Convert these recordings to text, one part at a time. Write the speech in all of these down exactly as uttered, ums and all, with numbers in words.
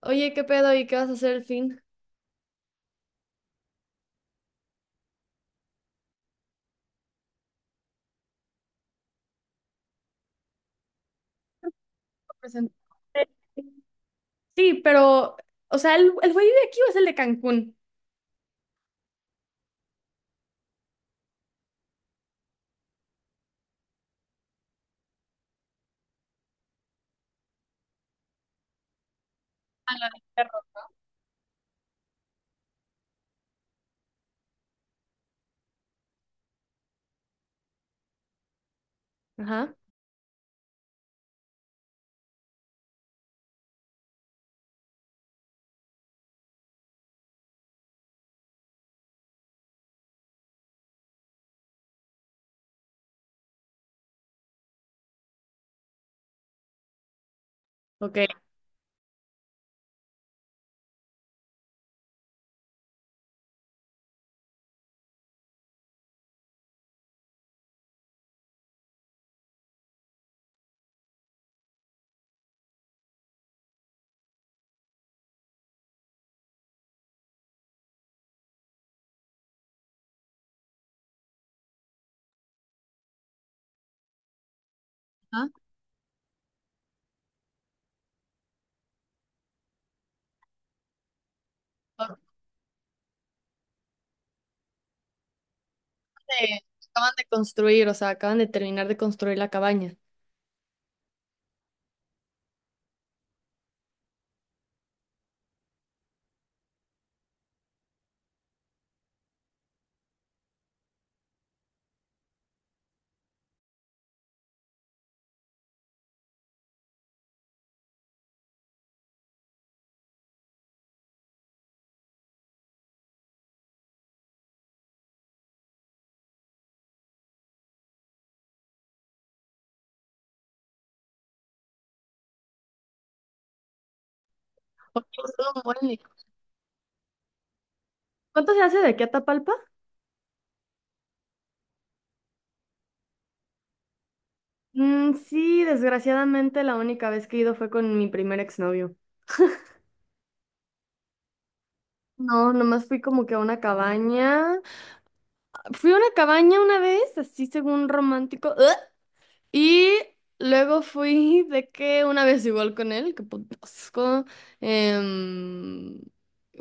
Oye, ¿qué pedo? ¿Y qué vas a hacer el fin? Presentó. Sí, pero, o sea, ¿el, el güey de aquí o es el de Cancún? Ajá. Ok. Ajá. Ahorita de- acaban de construir, o sea, acaban de terminar de construir la cabaña. Oye, estuvo un buen- ¿Cuánto se hace de aquí a Tapalpa? Mm, sí, desgraciadamente la única vez que he ido fue con mi primer exnovio. No, nomás fui como que a una cabaña. Fui a una cabaña una vez, así según romántico. ¡Ugh! Y luego fui de que una vez igual con él, que potasco, em,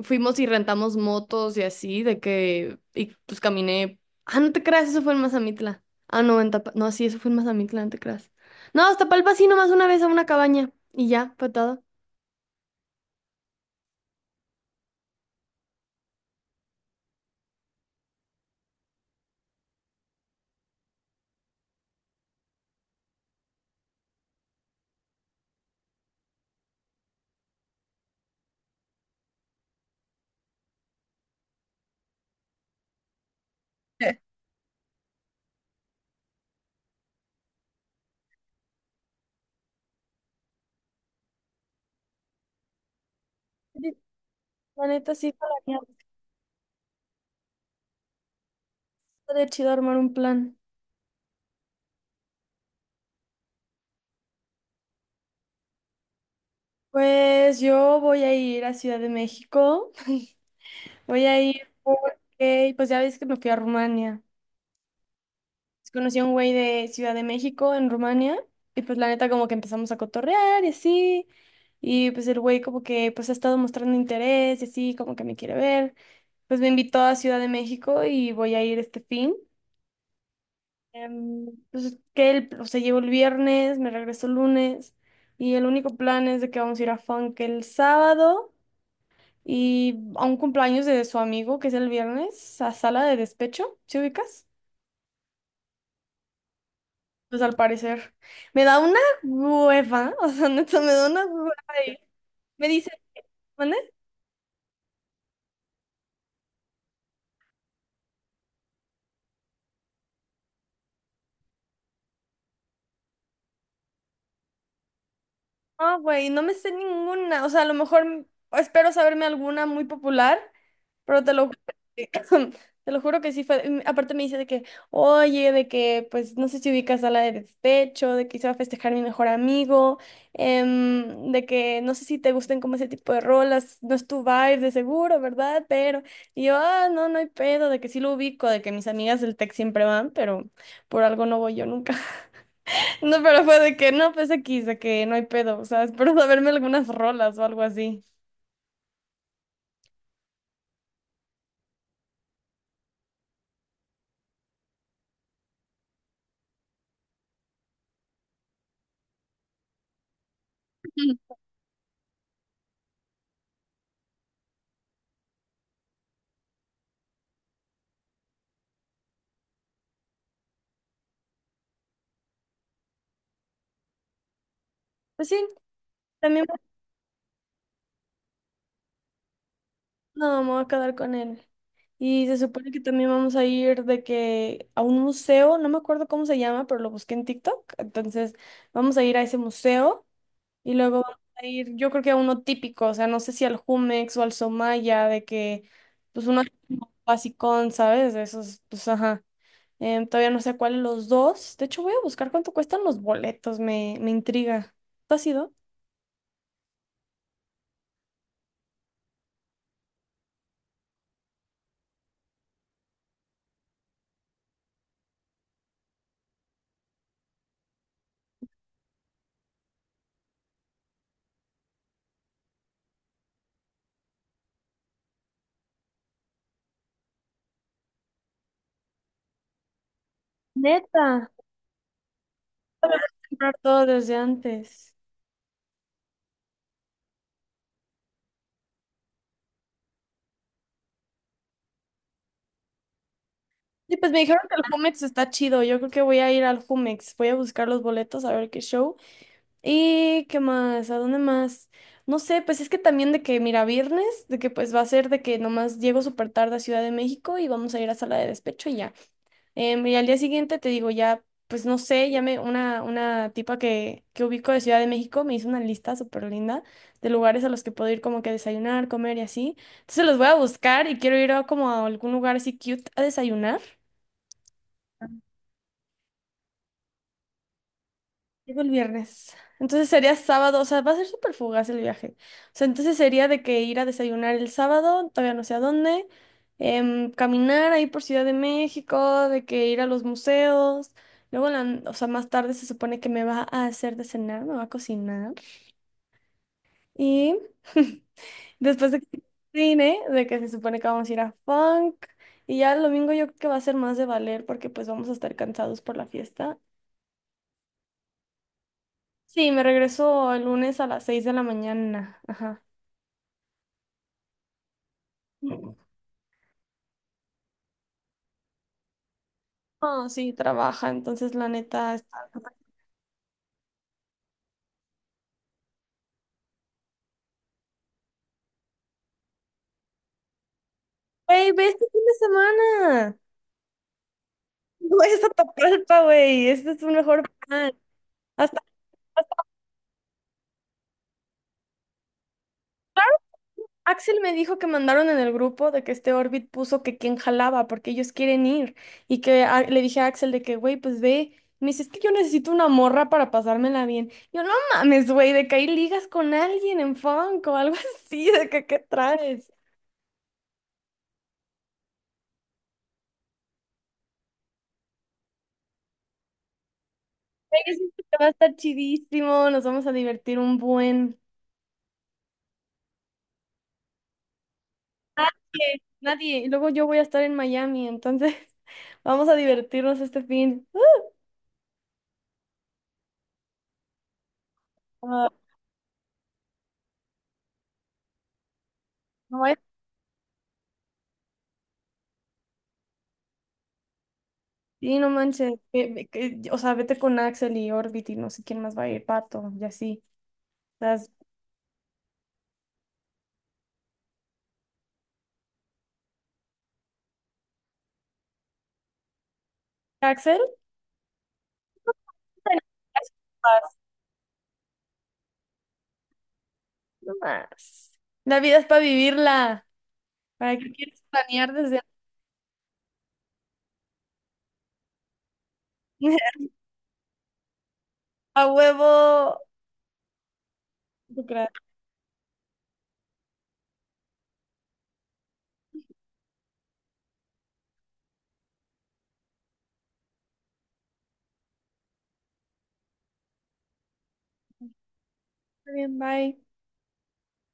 fuimos y rentamos motos y así, de que, y pues caminé. Ah, no te creas, eso fue en Mazamitla. Ah, no, en Tapa, no, sí, eso fue en Mazamitla, no te creas. No, hasta Palpa sí, nomás una vez a una cabaña y ya, patada. Sí, la neta sí, para mí estaría chido armar un plan. Pues yo voy a ir a Ciudad de México. Voy a ir porque, pues ya ves que me fui a Rumania. Conocí a un güey de Ciudad de México, en Rumania, y pues la neta como que empezamos a cotorrear y así, y pues el güey como que pues ha estado mostrando interés y así, como que me quiere ver, pues me invitó a Ciudad de México y voy a ir este fin. Em, pues que él, o sea, llegó el viernes, me regreso el lunes, y el único plan es de que vamos a ir a Funk el sábado y a un cumpleaños de su amigo, que es el viernes, a sala de despecho, ¿sí ubicas? Pues al parecer. Me da una hueva, o sea, neta, me da una hueva. Ir. Me dice, ¿mande? No, güey, no me sé ninguna. O sea, a lo mejor m- espero saberme alguna muy popular, pero te lo juro que, te lo juro que sí fue. mm, Aparte me dice de que, oye, de que, pues, no sé si ubicas a la de despecho, de que se va a festejar mi mejor amigo, em, de que no sé si te gusten como ese tipo de rolas, no es tu vibe de seguro, ¿verdad? Pero, y yo, ah, no, no hay pedo, de que sí lo ubico, de que mis amigas del tech siempre van, pero por algo no voy yo nunca. No, pero fue de que no, pues X, de que no hay pedo, o sea, espero saberme algunas rolas o algo así. Ujú. Pues sí, también no, me voy a quedar con él. Y se supone que también vamos a ir de que a un museo, no me acuerdo cómo se llama, pero lo busqué en TikTok. Entonces, vamos a ir a ese museo. Y luego vamos a ir, yo creo que a uno típico, o sea, no sé si al Jumex o al Somaya, de que, pues uno así como basicón, ¿sabes? De esos, pues ajá. Em, todavía no sé cuáles los dos. De hecho, voy a buscar cuánto cuestan los boletos, me, me intriga. ¿Tú has ido? Neta. Comprar todo desde antes. Sí, pues me dijeron que el Jumex está chido. Yo creo que voy a ir al Jumex. Voy a buscar los boletos a ver qué show. ¿Y qué más? ¿A dónde más? No sé, pues es que también de que, mira, viernes, de que pues va a ser de que nomás llego súper tarde a Ciudad de México y vamos a ir a sala de despecho y ya. Em, y al día siguiente te digo, ya, pues no sé, ya me, una, una tipa que, que ubico de Ciudad de México me hizo una lista súper linda de lugares a los que puedo ir como que a desayunar, comer y así. Entonces los voy a buscar y quiero ir a como a algún lugar así cute a desayunar. Llego el viernes. Entonces sería sábado, o sea, va a ser súper fugaz el viaje. O sea, entonces sería de que ir a desayunar el sábado, todavía no sé a dónde, em, caminar ahí por Ciudad de México, de que ir a los museos. Luego, en la n- o sea, más tarde se supone que me va a hacer de cenar, me va a cocinar. Y después de que cine, de que se supone que vamos a ir a funk. Y ya el domingo yo creo que va a ser más de valer porque pues vamos a estar cansados por la fiesta. Sí, me regreso el lunes a las seis de la mañana. Ajá. Ah, sí, trabaja, entonces la neta está. Wey, ve este fin de semana. No es a Tapalpa, güey. Este es un mejor plan. Hasta, hasta Axel me dijo que mandaron en el grupo de que este Orbit puso que quién jalaba porque ellos quieren ir. Y que a- le dije a Axel de que, güey, pues ve. Me dice, es que yo necesito una morra para pasármela bien. Yo, no mames, güey, de que ahí ligas con alguien en funk o algo así, de que qué traes. Yo siento que va a estar chidísimo, nos vamos a divertir un buen. Nadie, nadie. Y luego yo voy a estar en Miami, entonces vamos a divertirnos este fin. Ah, no vaya- Sí, no manches. Que- que- que- o sea, vete con Axel y Orbit y no sé quién más va a ir, Pato, y así. Las- Axel, no más. La vida es para vivirla. ¿Para qué quieres planear desde a huevo? ¿Tú crees? Está bien, bye.